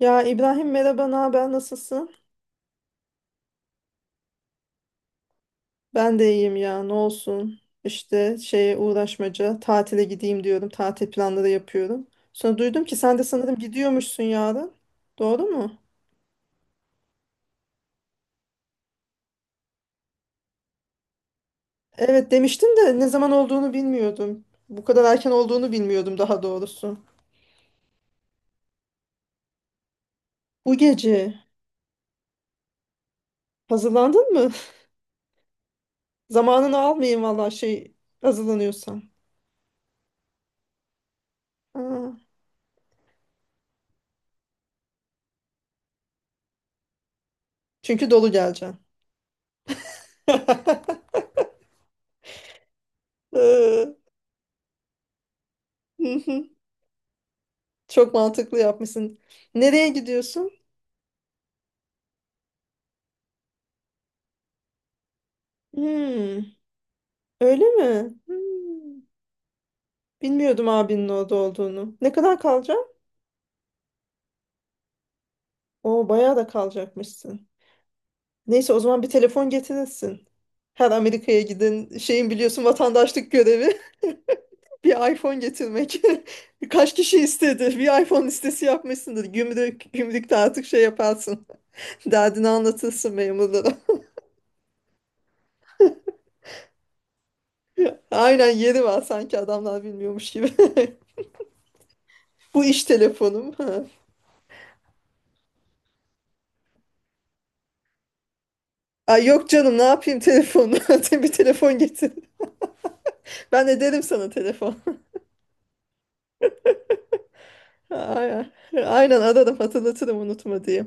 Ya İbrahim merhaba, ne haber, nasılsın? Ben de iyiyim ya, ne olsun. İşte şeye uğraşmaca, tatile gideyim diyorum, tatil planları yapıyorum. Sonra duydum ki sen de sanırım gidiyormuşsun yarın. Doğru mu? Evet demiştin de ne zaman olduğunu bilmiyordum. Bu kadar erken olduğunu bilmiyordum daha doğrusu. Bu gece hazırlandın mı? Zamanını almayayım valla şey hazırlanıyorsam. Aa, çünkü dolu geleceğim. Ee, hı hı. Çok mantıklı yapmışsın. Nereye gidiyorsun? Hmm, öyle mi? Hmm, bilmiyordum abinin orada olduğunu. Ne kadar kalacağım? Oo, bayağı da kalacakmışsın. Neyse o zaman bir telefon getirirsin. Her Amerika'ya giden şeyin biliyorsun vatandaşlık görevi bir iPhone getirmek. Kaç kişi istedi? Bir iPhone listesi yapmışsındır. Gümrükte artık şey yaparsın. Derdini anlatırsın memurlara. Aynen yeri var sanki adamlar bilmiyormuş gibi. Bu iş telefonum. Ha. Ay yok canım ne yapayım telefonu. Bir telefon getir. Ben ederim sana telefon. Aynen, aynen ararım, hatırlatırım unutma diye.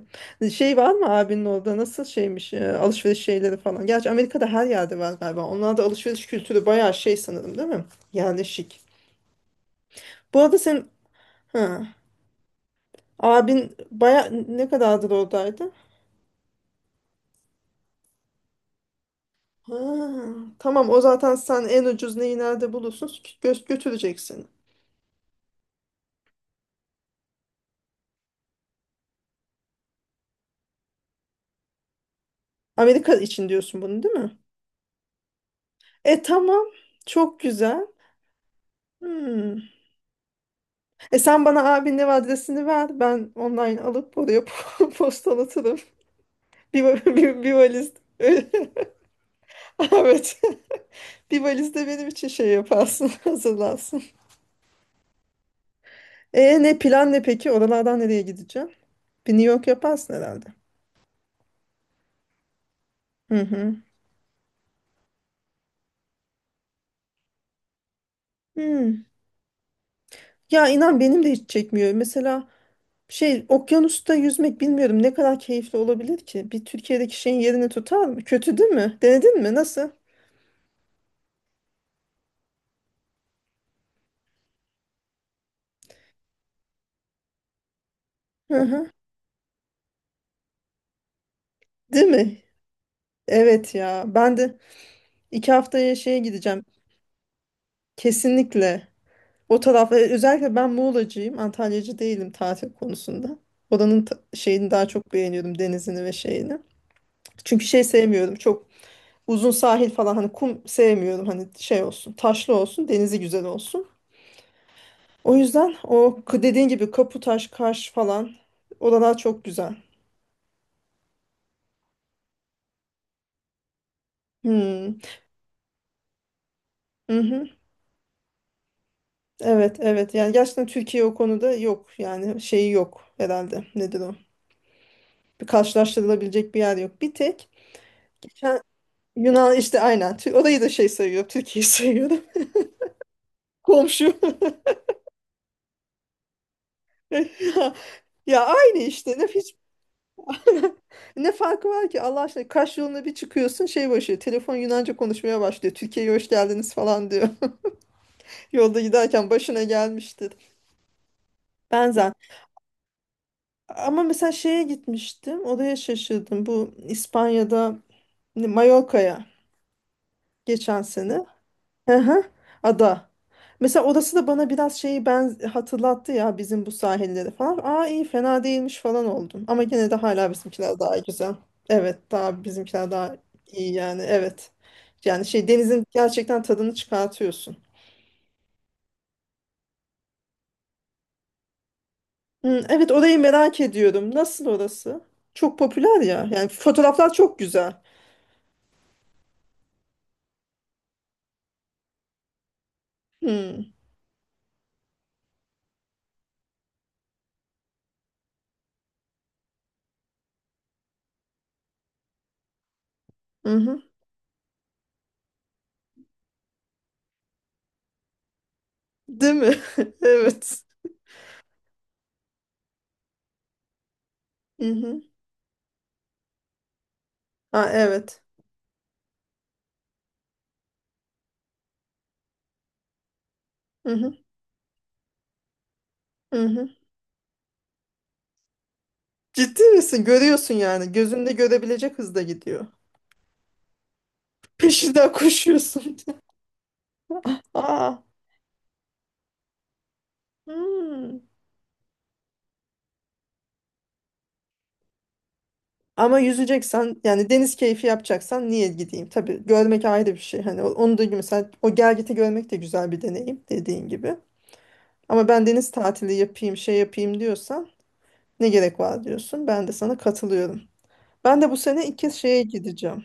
Şey var mı abinin orada nasıl şeymiş alışveriş şeyleri falan. Gerçi Amerika'da her yerde var galiba. Onlarda alışveriş kültürü bayağı şey sanırım değil mi? Yerleşik. Bu arada sen ha, abin baya ne kadardır oradaydı? Ha, tamam o zaten sen en ucuz neyi nerede bulursun götüreceksin. Amerika için diyorsun bunu değil mi? E tamam, çok güzel. Hmm. E sen bana abinin ev adresini ver. Ben online alıp oraya postalatırım. Bir valiz. Evet. Bir valiz de benim için şey yaparsın. Hazırlarsın. E ne plan ne peki? Oralardan nereye gideceğim? Bir New York yaparsın herhalde. Hı hı. Hmm. Ya inan benim de hiç çekmiyor. Mesela şey okyanusta yüzmek bilmiyorum ne kadar keyifli olabilir ki? Bir Türkiye'deki şeyin yerini tutar mı? Kötü değil mi? Denedin mi? Nasıl? Hı hı. Değil mi? Evet ya. Ben de 2 haftaya şeye gideceğim. Kesinlikle. O taraf özellikle ben Muğlacıyım. Antalyacı değilim tatil konusunda. Oranın şeyini daha çok beğeniyorum, denizini ve şeyini. Çünkü şey sevmiyorum. Çok uzun sahil falan hani kum sevmiyorum. Hani şey olsun, taşlı olsun, denizi güzel olsun. O yüzden o dediğin gibi Kaputaş, Kaş falan oralar çok güzel. Hmm. Mhm. Evet, evet. Yani gerçekten Türkiye o konuda yok. Yani şeyi yok herhalde. Nedir o? Bir karşılaştırılabilecek bir yer yok. Bir tek Ken- Yunan işte, aynen. Orayı da şey sayıyor. Türkiye'yi sayıyorum. Komşu. Ya, ya, aynı işte. Ne, hiç, ne farkı var ki Allah aşkına. Kaş yoluna bir çıkıyorsun şey başlıyor. Telefon Yunanca konuşmaya başlıyor. Türkiye'ye hoş geldiniz falan diyor. Yolda giderken başına gelmiştir. Benzer. Ama mesela şeye gitmiştim. Oraya şaşırdım. Bu İspanya'da Mallorca'ya, geçen sene. Hı hı. Ada. Mesela orası da bana biraz şeyi ben hatırlattı ya, bizim bu sahilleri falan. Aa iyi fena değilmiş falan oldum. Ama gene de hala bizimkiler daha güzel. Evet, daha bizimkiler daha iyi yani, evet. Yani şey denizin gerçekten tadını çıkartıyorsun. Hı, evet, orayı merak ediyorum. Nasıl orası? Çok popüler ya. Yani fotoğraflar çok güzel. Hı. Hı hı. Değil mi? Evet. Hı hı. Ha, evet. Hı hı. Hı hı. Ciddi misin? Görüyorsun yani. Gözünde görebilecek hızda gidiyor. Peşinden koşuyorsun. Aa. Hmm. Ama yüzeceksen yani, deniz keyfi yapacaksan niye gideyim? Tabii görmek ayrı bir şey. Hani onu da mesela, o gelgiti görmek de güzel bir deneyim dediğin gibi. Ama ben deniz tatili yapayım, şey yapayım diyorsan ne gerek var diyorsun. Ben de sana katılıyorum. Ben de bu sene ilk kez şeye gideceğim.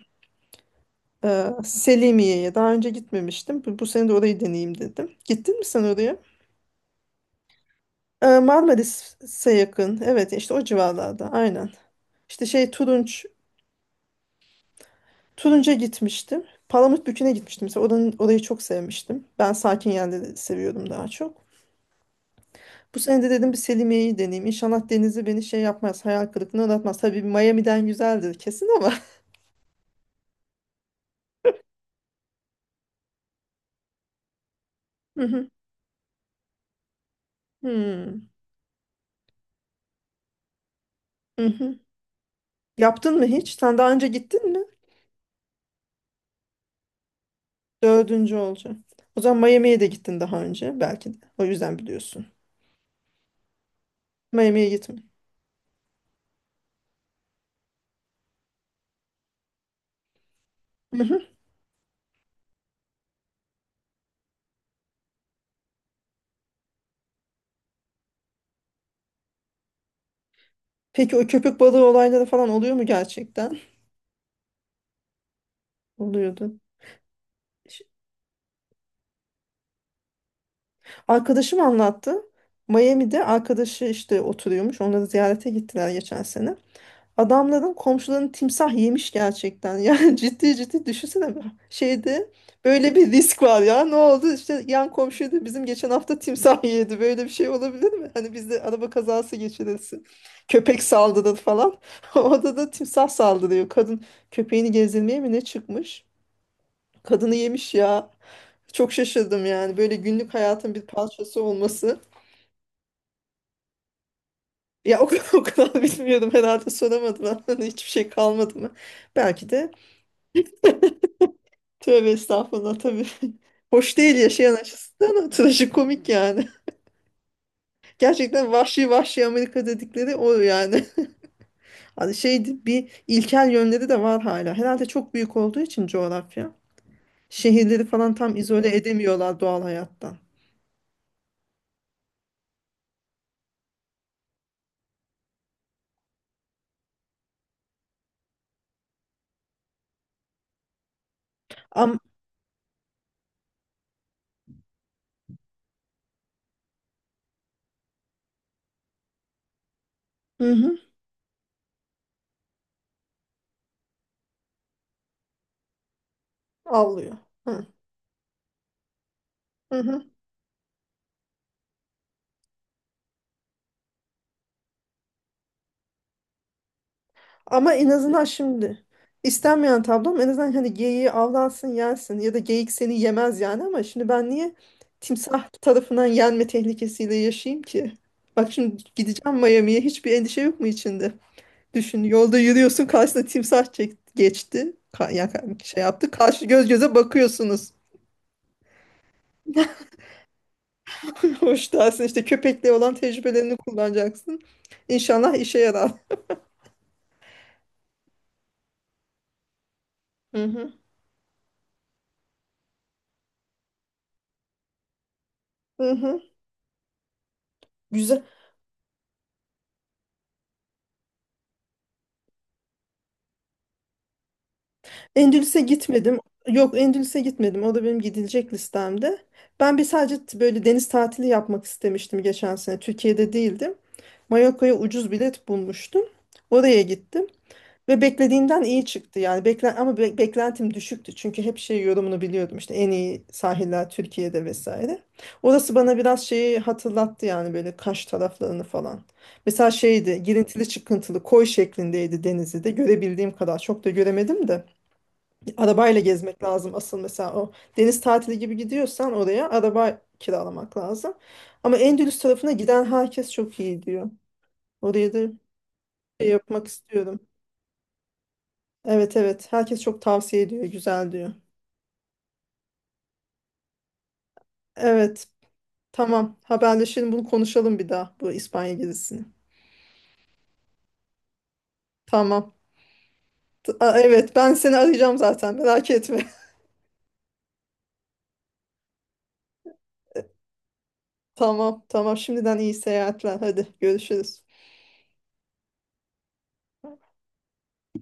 Selimiye'ye. Daha önce gitmemiştim. Bu sene de orayı deneyeyim dedim. Gittin mi sen oraya? Marmaris'e yakın. Evet işte o civarlarda, aynen. İşte şey Turunç'a gitmiştim. Palamutbükü'ne gitmiştim. Mesela orayı çok sevmiştim. Ben sakin yerleri seviyorum daha çok. Bu sene de dedim bir Selimiye'yi deneyeyim. İnşallah denizi beni şey yapmaz, hayal kırıklığına uğratmaz. Tabii Miami'den güzeldir kesin ama. Hı hı. Hmm. Hı hı. Yaptın mı hiç? Sen daha önce gittin mi? Dördüncü olacak. O zaman Miami'ye de gittin daha önce belki de. O yüzden biliyorsun. Miami'ye gitme. Peki o köpük balığı olayları falan oluyor mu gerçekten? Oluyordu. Ş- Arkadaşım anlattı. Miami'de arkadaşı işte oturuyormuş. Onları ziyarete gittiler geçen sene. Adamların komşularını timsah yemiş gerçekten. Yani ciddi ciddi düşünsene. Şeyde böyle bir risk var ya. Ne oldu? İşte yan komşuydu bizim, geçen hafta timsah yedi. Böyle bir şey olabilir mi? Hani bizde araba kazası geçirirsin. Köpek saldırır falan. Orada da timsah saldırıyor. Kadın köpeğini gezdirmeye mi ne çıkmış? Kadını yemiş ya. Çok şaşırdım yani. Böyle günlük hayatın bir parçası olması. Ya o kadar, o kadar bilmiyordum herhalde, soramadılar. Hani hiçbir şey kalmadı mı? Belki de tövbe estağfurullah tabii. Hoş değil yaşayan açısından ama trajikomik yani. Gerçekten vahşi vahşi Amerika dedikleri o yani. Hani şey bir ilkel yönleri de var hala. Herhalde çok büyük olduğu için coğrafya. Şehirleri falan tam izole edemiyorlar doğal hayattan. Am hı hı, avlıyor. Hı, hı hı. Ama en azından şimdi istenmeyen tablom, en azından hani geyiği avlansın yensin ya da geyik seni yemez yani, ama şimdi ben niye timsah tarafından yenme tehlikesiyle yaşayayım ki? Bak şimdi gideceğim Miami'ye, hiçbir endişe yok mu içinde? Düşün, yolda yürüyorsun karşısına timsah çek geçti. Ya şey yaptı, karşı göz göze bakıyorsunuz. Hoş dersin işte, köpekle olan tecrübelerini kullanacaksın. İnşallah işe yarar. Hı hı. Hı hı. Güzel. Endülüs'e gitmedim. Yok, Endülüs'e gitmedim. O da benim gidilecek listemde. Ben bir sadece böyle deniz tatili yapmak istemiştim geçen sene. Türkiye'de değildim. Mallorca'ya ucuz bilet bulmuştum. Oraya gittim. Ve beklediğimden iyi çıktı yani. Ama beklentim düşüktü. Çünkü hep şey yorumunu biliyordum işte, en iyi sahiller Türkiye'de vesaire. Orası bana biraz şeyi hatırlattı yani, böyle Kaş taraflarını falan. Mesela şeydi, girintili çıkıntılı koy şeklindeydi, denizi de görebildiğim kadar çok da göremedim de. Arabayla gezmek lazım asıl mesela, o deniz tatili gibi gidiyorsan oraya, araba kiralamak lazım. Ama Endülüs tarafına giden herkes çok iyi diyor. Oraya da şey yapmak istiyorum. Evet, evet. Herkes çok tavsiye ediyor. Güzel diyor. Evet. Tamam. Haberleşelim. Bunu konuşalım bir daha. Bu İspanya gezisini. Tamam. Aa, evet. Ben seni arayacağım zaten. Merak etme. Tamam. Tamam. Şimdiden iyi seyahatler. Hadi görüşürüz.